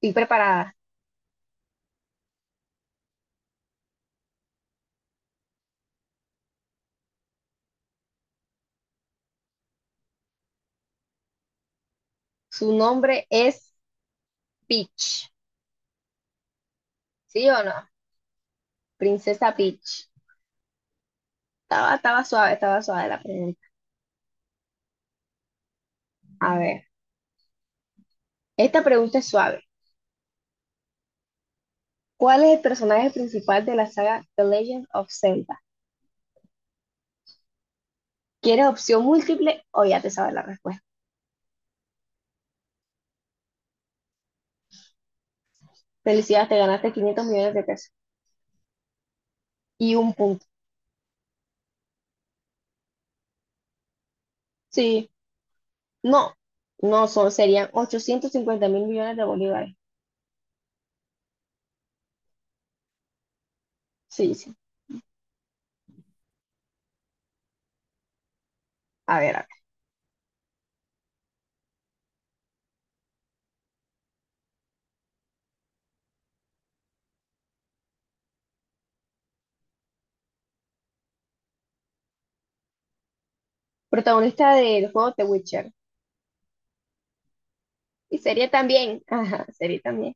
Estoy preparada. Su nombre es Peach. ¿Sí o no? Princesa Peach. Estaba suave, estaba suave la pregunta. A ver, esta pregunta es suave. ¿Cuál es el personaje principal de la saga The Legend of Zelda? ¿Quieres opción múltiple o ya te sabes la respuesta? Felicidades, te ganaste 500 millones de pesos y un punto. Sí, no, no son, serían 850 mil millones de bolívares. Sí, sí. A ver, a ver. Protagonista del juego The Witcher. Y serie también. Ajá, serie también.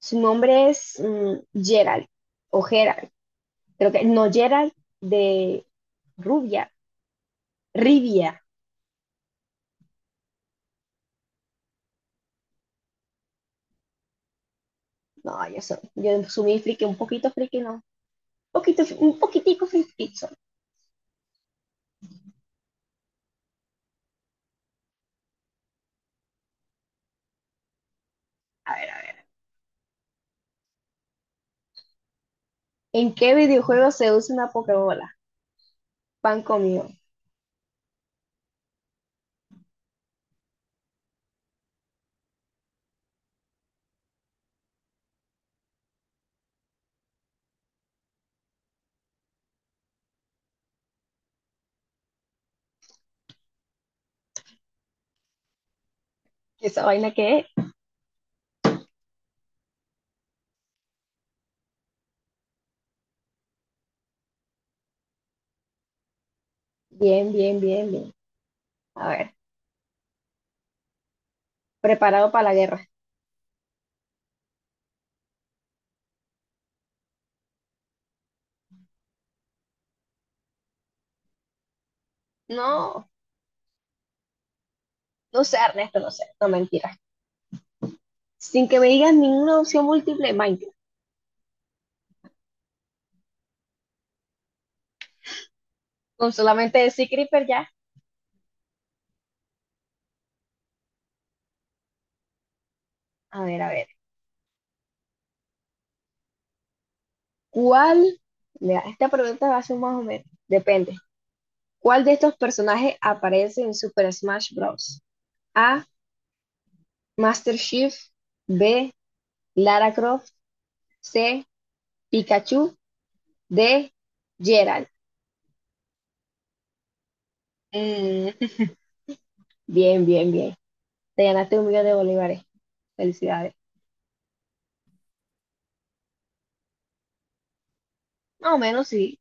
Su nombre es Gerald o Gerald, creo que no Gerald de Rubia, Rivia. No, yo soy muy friki, un poquito friki, no. Un poquitico friki soy. A ver, a ver. ¿En qué videojuego se usa una Pokébola? Pan comido. ¿Esa vaina qué es? Bien, bien, bien, bien. A ver, preparado para la guerra. No, no sé, Ernesto, no sé, no mentiras. Sin que me digas ninguna opción múltiple, Minecraft. Con solamente decir Creeper ya. A ver, a ver. ¿Cuál? Mira, esta pregunta va a ser más o menos. Depende. ¿Cuál de estos personajes aparece en Super Smash Bros? A. Master Chief. B. Lara Croft. C. Pikachu. D. Geralt. Mm, Bien, bien, bien. Te ganaste un millón de bolívares. Felicidades. Más o menos sí.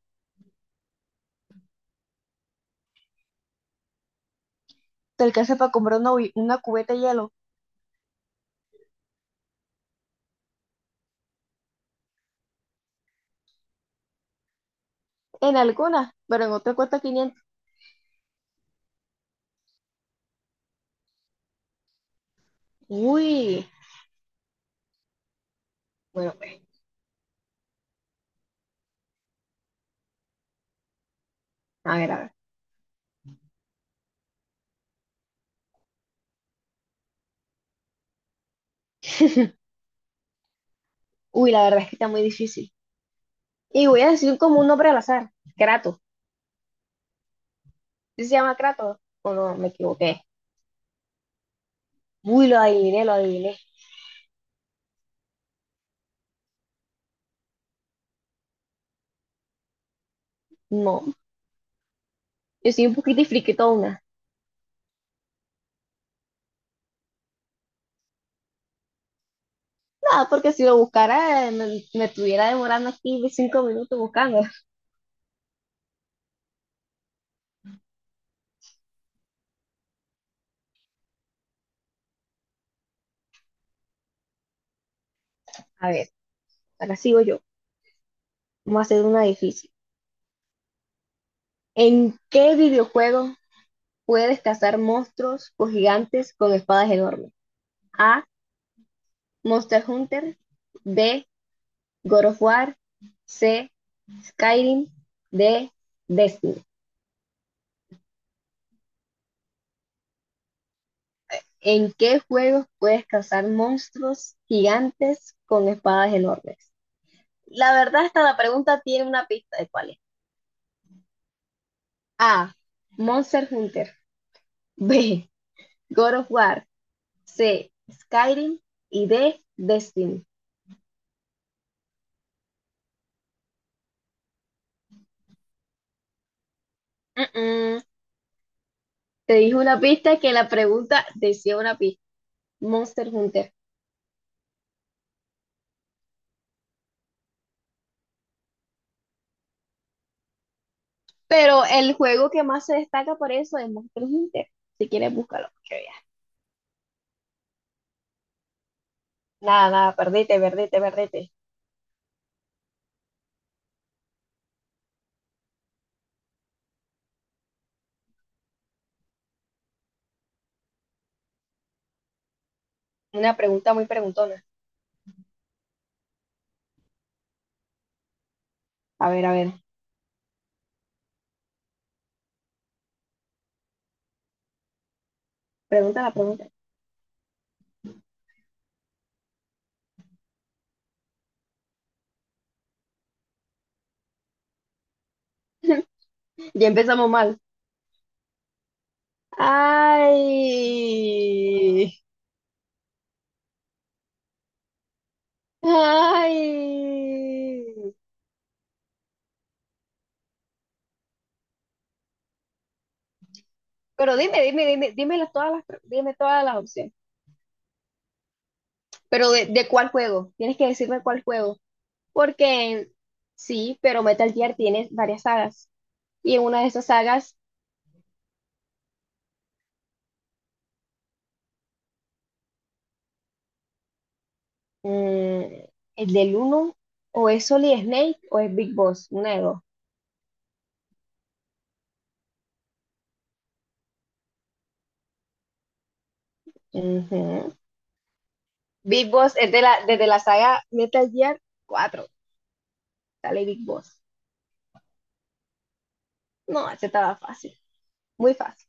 Te alcanza para comprar una cubeta de hielo. En alguna, pero en otra cuesta 500. Uy. Bueno, pues. A ver, a ver. Uy, la verdad es que está muy difícil. Y voy a decir como un nombre al azar, Kratos. ¿Sí se llama Kratos? O no, me equivoqué. Uy, lo adiviné, lo adiviné. No, yo soy un poquito friquetona. Nada, porque si lo buscara, me estuviera demorando aquí 5 minutos buscando. A ver, ahora sigo yo. Vamos a hacer una difícil. ¿En qué videojuego puedes cazar monstruos o gigantes con espadas enormes? A. Monster Hunter. B. God of War. C. Skyrim. D. Destiny. ¿En qué juegos puedes cazar monstruos gigantes con espadas enormes? La verdad, hasta la pregunta tiene una pista de cuál es. A. Monster Hunter. B. God of War. C. Skyrim. Y D. Destiny. Mm, mm. Te dije una pista que la pregunta decía una pista. Monster Hunter. Pero el juego que más se destaca por eso es Monster Hunter. Si quieres, búscalo. Que veas. Nada, nada, perdete, perdete, perdete. Una pregunta muy preguntona. A ver, a ver. Pregunta la pregunta. Ya empezamos mal. Ay, ay. Pero dime, dime, dime, dime todas las opciones. Pero de cuál juego. Tienes que decirme cuál juego. Porque sí, pero Metal Gear tiene varias sagas. Y en una de esas sagas, mm, el del uno o es Solid Snake o es Big Boss. Una de dos. Ujú. Big Boss es desde la saga Metal Gear 4. Sale Big Boss. No, ese estaba fácil, muy fácil.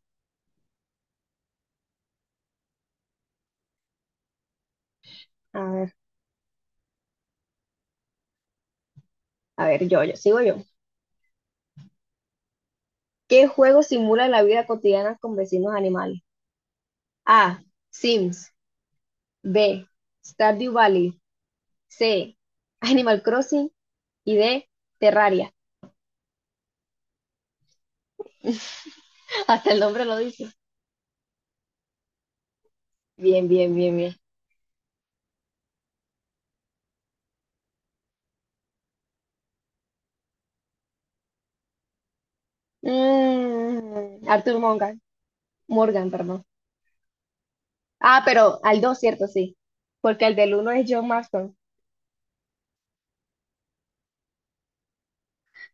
A ver, a ver, sigo yo. ¿Qué juego simula la vida cotidiana con vecinos animales? A. Sims. B. Stardew Valley. C. Animal Crossing. Y D. Terraria. Hasta el nombre lo dice. Bien, bien, bien, bien. Arthur Morgan. Morgan, perdón. Ah, pero al 2, cierto, sí. Porque el del uno es John Marston.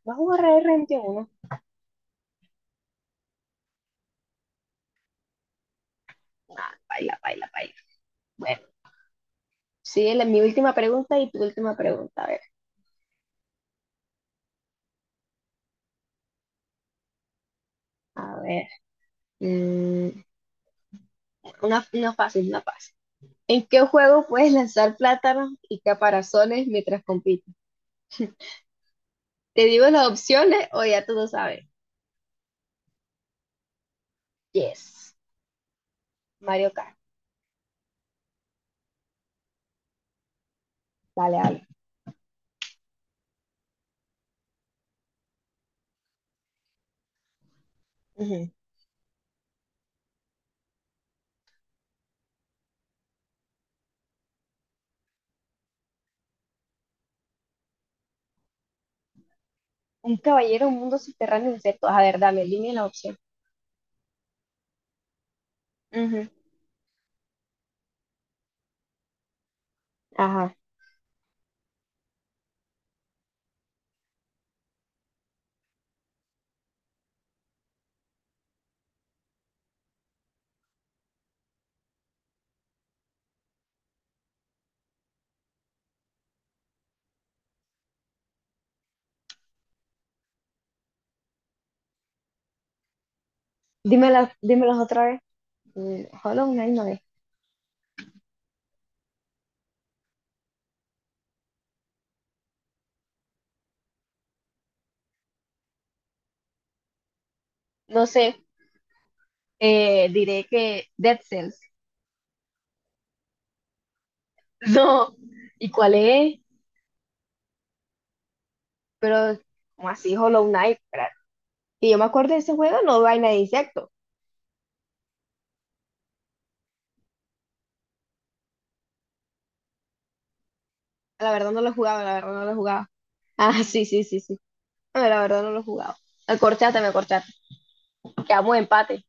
Vamos a borrar el rente 1. Ah, baila, baila, baila. Bueno, sí, mi última pregunta y tu última pregunta. A ver, a ver. mm, una fácil, una fácil. ¿En qué juego puedes lanzar plátanos y caparazones mientras compites? ¿Te digo las opciones o ya tú lo sabes? Yes. Mario Kart. Vale, vale. Ujú. Un caballero, un mundo subterráneo, insectos. A ver, dame, dime la opción. Ujú. Ajá. Dímelas otra vez. Hollow Knight no es. No sé. Diré que Dead Cells. No. ¿Y cuál es? Pero, como así, Hollow Knight, espera. Y yo me acuerdo de ese juego, no vaina de insectos. La verdad no lo jugaba, la verdad no lo jugaba. Ah, sí, sí, sí, sí. No, la verdad no lo jugaba. Me corchaste, me corchaste. Quedamos empate.